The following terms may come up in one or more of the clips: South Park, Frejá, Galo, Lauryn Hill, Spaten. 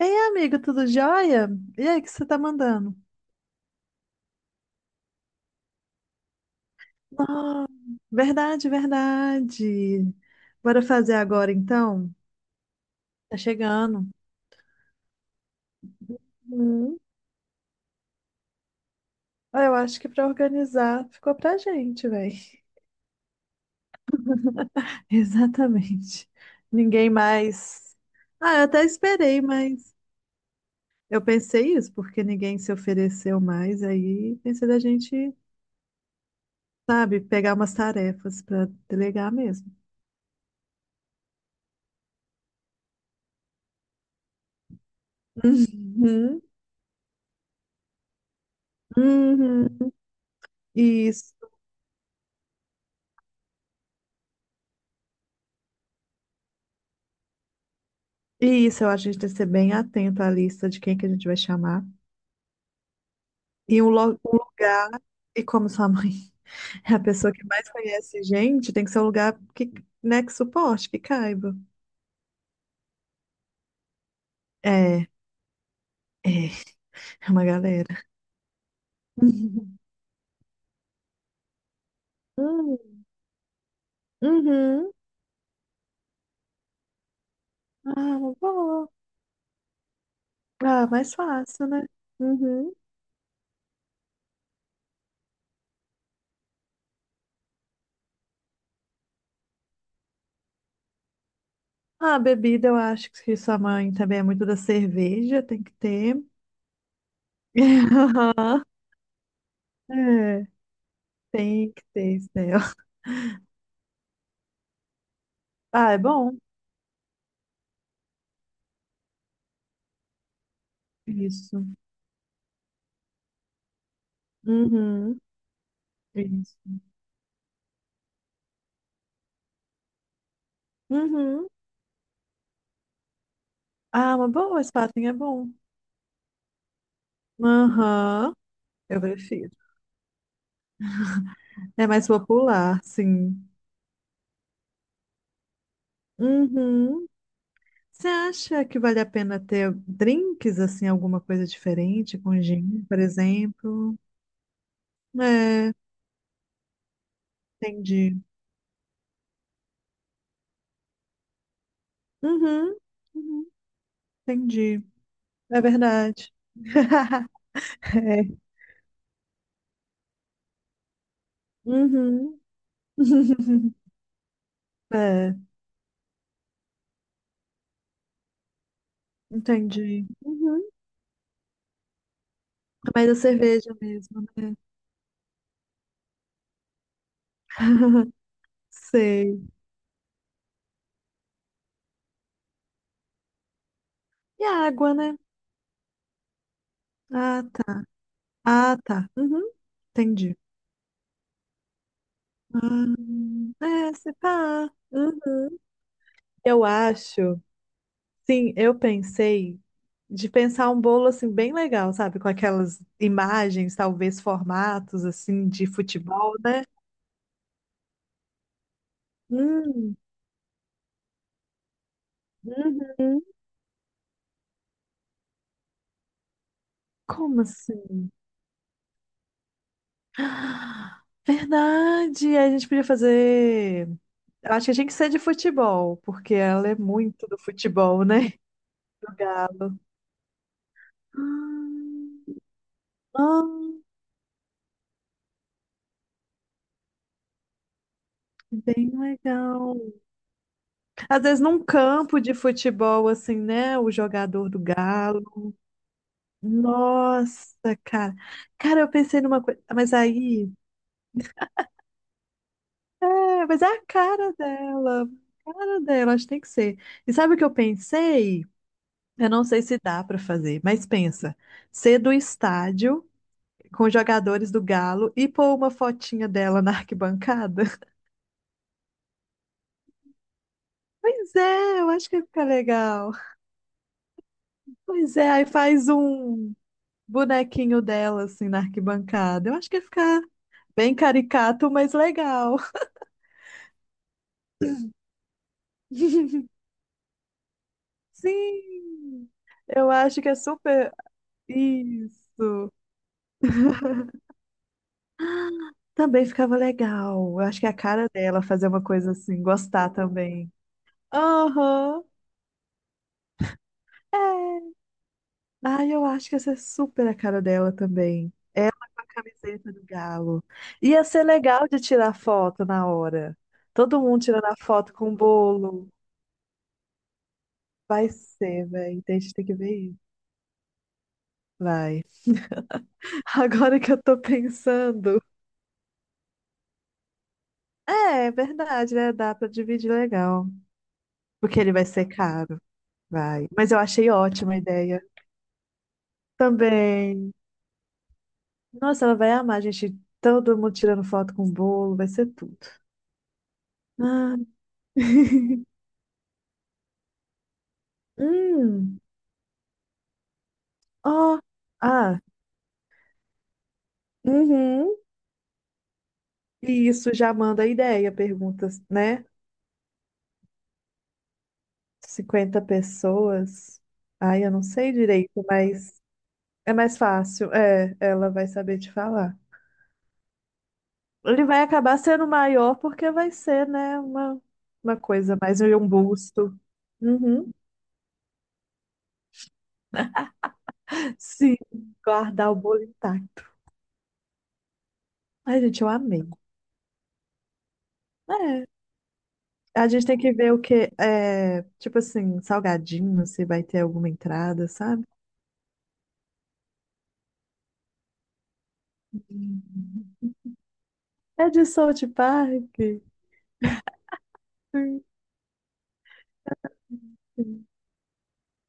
Ei, amigo, tudo jóia? E aí, o que você tá mandando? Ah, verdade, verdade. Bora fazer agora, então? Tá chegando. Hum. Ah, eu acho que pra organizar ficou pra gente, velho. Exatamente. Ninguém mais. Ah, eu até esperei, mas eu pensei isso, porque ninguém se ofereceu mais. Aí pensei da gente, sabe, pegar umas tarefas pra delegar mesmo. Uhum. Uhum. Isso. E isso, eu acho que a gente tem que ser bem atento à lista de quem que a gente vai chamar. E um, um lugar, e como sua mãe é a pessoa que mais conhece gente, tem que ser um lugar que, né, que suporte, que caiba. É, é, é uma galera. Uhum. Hum, uhum. Ah, boa. Ah, mais fácil, né? Uhum. Ah, bebida, eu acho que sua mãe também é muito da cerveja, tem que ter. É, tem que ter, Estel. Ah, é bom. Isso. Uhum. Isso. Uhum. Ah, uma boa, Spaten é bom. Aham, eu prefiro. É mais popular, sim. Uhum. Você acha que vale a pena ter drinks, assim, alguma coisa diferente, com gin, por exemplo? É, entendi. Uhum, uhum, entendi. É verdade. É. Uhum. É, entendi. Uhum. Mas a cerveja mesmo, né? Sei. E a água, né? Ah, tá. Ah, tá. Uhum. Entendi. Ah, é, se pá. Uhum. Eu acho, sim, eu pensei de pensar um bolo assim bem legal, sabe? Com aquelas imagens, talvez formatos assim de futebol, né? Hum, uhum. Como assim? Ah, verdade, a gente podia fazer. Eu acho que tinha que ser de futebol, porque ela é muito do futebol, né? Do Galo. Ah, ah, bem legal. Às vezes num campo de futebol, assim, né? O jogador do Galo. Nossa, cara. Cara, eu pensei numa coisa. Mas aí. É, mas é a cara dela. A cara dela, acho que tem que ser. E sabe o que eu pensei? Eu não sei se dá pra fazer, mas pensa. Ser do estádio com os jogadores do Galo e pôr uma fotinha dela na arquibancada. Pois é, eu acho que ia ficar legal. Pois é, aí faz um bonequinho dela, assim, na arquibancada. Eu acho que ia ficar bem caricato, mas legal. Sim, eu acho que é super. Isso. Também ficava legal. Eu acho que é a cara dela fazer uma coisa assim, gostar também. Aham. É. Ah, eu acho que essa é super a cara dela também. Com a camiseta do Galo. Ia ser legal de tirar foto na hora. Todo mundo tirando a foto com o bolo. Vai ser, velho. Tem gente que tem que ver isso. Vai. Agora que eu tô pensando. É, é verdade, né? Dá pra dividir legal. Porque ele vai ser caro. Vai. Mas eu achei ótima a ideia. Também. Nossa, ela vai amar, gente. Todo mundo tirando foto com o bolo. Vai ser tudo. Ah. Hum. Ó. Ah. Uhum. E isso já manda a ideia, perguntas, né? 50 pessoas. Ai, eu não sei direito, mas. É mais fácil, é, ela vai saber te falar. Ele vai acabar sendo maior porque vai ser, né, uma coisa mais um busto. Uhum. Sim, guardar o bolo intacto. Ai, gente, eu amei. É, a gente tem que ver o que é, tipo assim, salgadinho, se vai ter alguma entrada, sabe? Uhum. É de South Park. Sim, sim.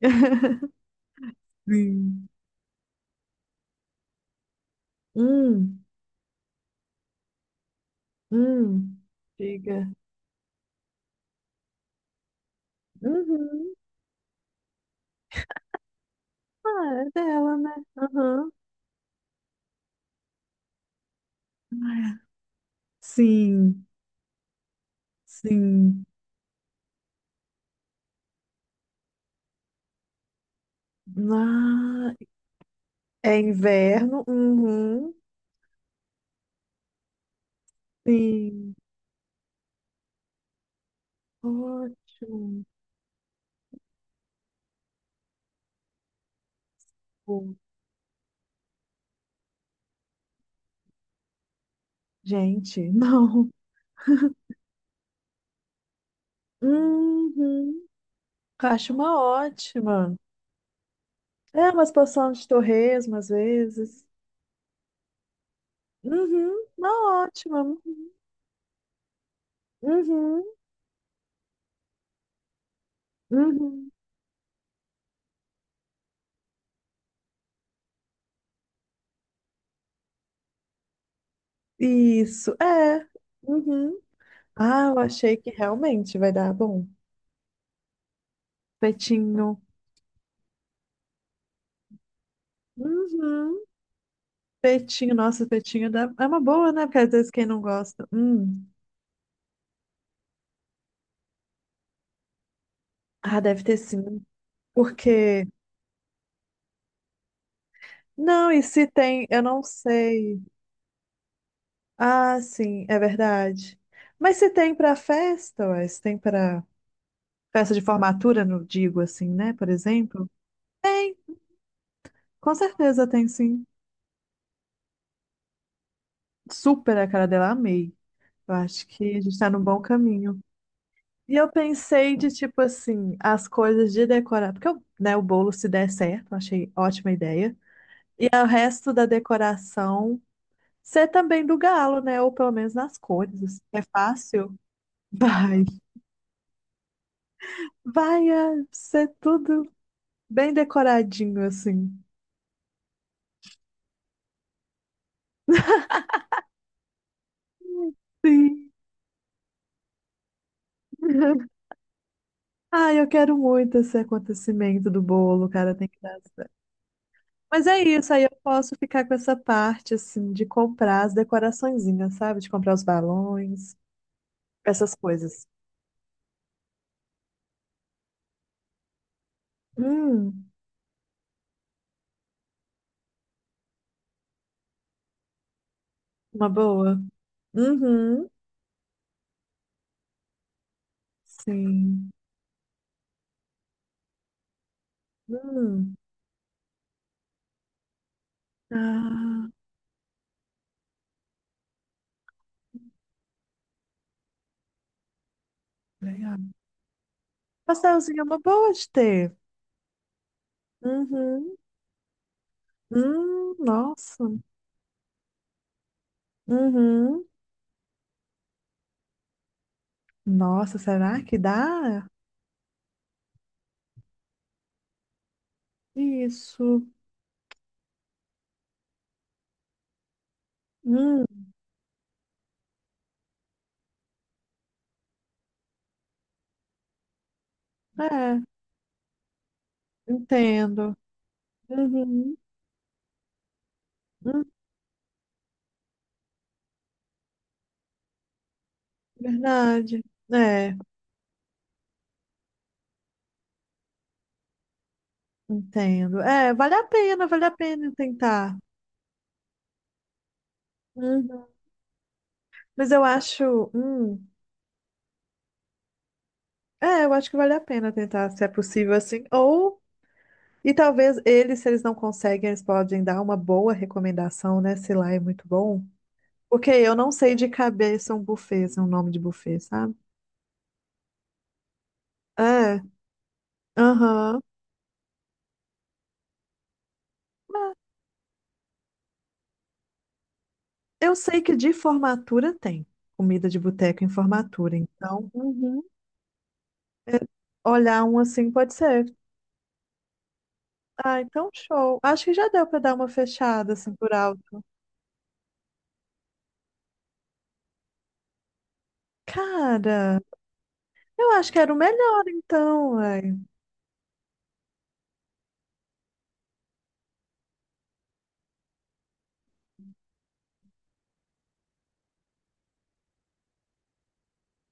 Sim. Hum, hum. Diga. Uhum. Ah, é dela, né? Sim, sim. Ah, é inverno. Uhum, sim. Ótimo. Gente, não. Uhum. Acho uma ótima. É, umas porção de torresmo às vezes. Uhum, uma ótima. Uhum, uhum. Isso, é. Uhum. Ah, eu achei que realmente vai dar bom. Petinho. Uhum. Petinho, nossa, petinho dá... é uma boa, né? Porque às vezes quem não gosta. Hum. Ah, deve ter sim. Porque. Não, e se tem, eu não sei. Ah, sim, é verdade. Mas se tem pra festa, ué, se tem pra festa de formatura, não digo assim, né? Por exemplo, tem, com certeza tem sim. Super a cara dela, amei. Eu acho que a gente tá num bom caminho. E eu pensei de tipo assim, as coisas de decorar, porque eu, né, o bolo se der certo, eu achei ótima ideia. E o resto da decoração ser também do galo, né? Ou pelo menos nas cores. Assim. É fácil? Vai. Vai é, ser tudo bem decoradinho, assim. Sim. Ai, eu quero muito esse acontecimento do bolo, cara, tem que dar. Mas é isso, aí eu posso ficar com essa parte, assim, de comprar as decoraçõezinhas, sabe? De comprar os balões, essas coisas. Hum, uma boa. Uhum, sim. Hum. Ah, legal. Pastelzinho é uma boa de ter. Uhum. Nossa. Uhum. Nossa, será que dá? Isso. Hum, é, entendo. Uhum. Hum, verdade. É, entendo. É, vale a pena tentar. Uhum. Mas eu acho, é, eu acho que vale a pena tentar, se é possível assim. Ou, e talvez eles, se eles não conseguem, eles podem dar uma boa recomendação, né? Se lá é muito bom. Porque eu não sei de cabeça um buffet, se é um nome de buffet, sabe? É, aham. Mas eu sei que de formatura tem comida de boteco em formatura, então uhum, é, olhar um assim pode ser. Ah, então show. Acho que já deu pra dar uma fechada assim por alto. Cara, eu acho que era o melhor então, ué.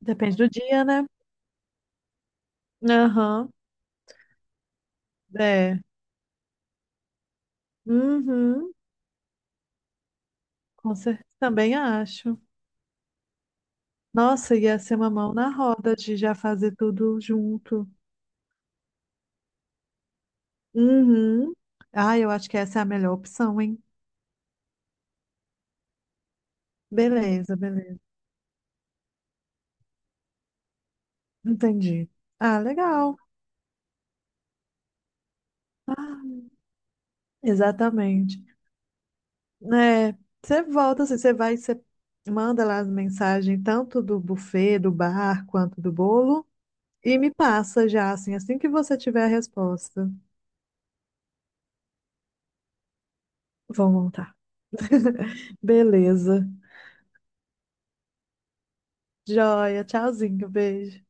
Depende do dia, né? Aham, é. Uhum, com certeza, também acho. Nossa, ia ser uma mão na roda de já fazer tudo junto. Uhum. Ah, eu acho que essa é a melhor opção, hein? Beleza, beleza. Entendi. Ah, legal. Exatamente. É, você volta, assim, você vai, você manda lá as mensagens, tanto do buffet, do bar, quanto do bolo, e me passa já, assim, assim que você tiver a resposta. Vou montar. Beleza. Joia, tchauzinho, beijo.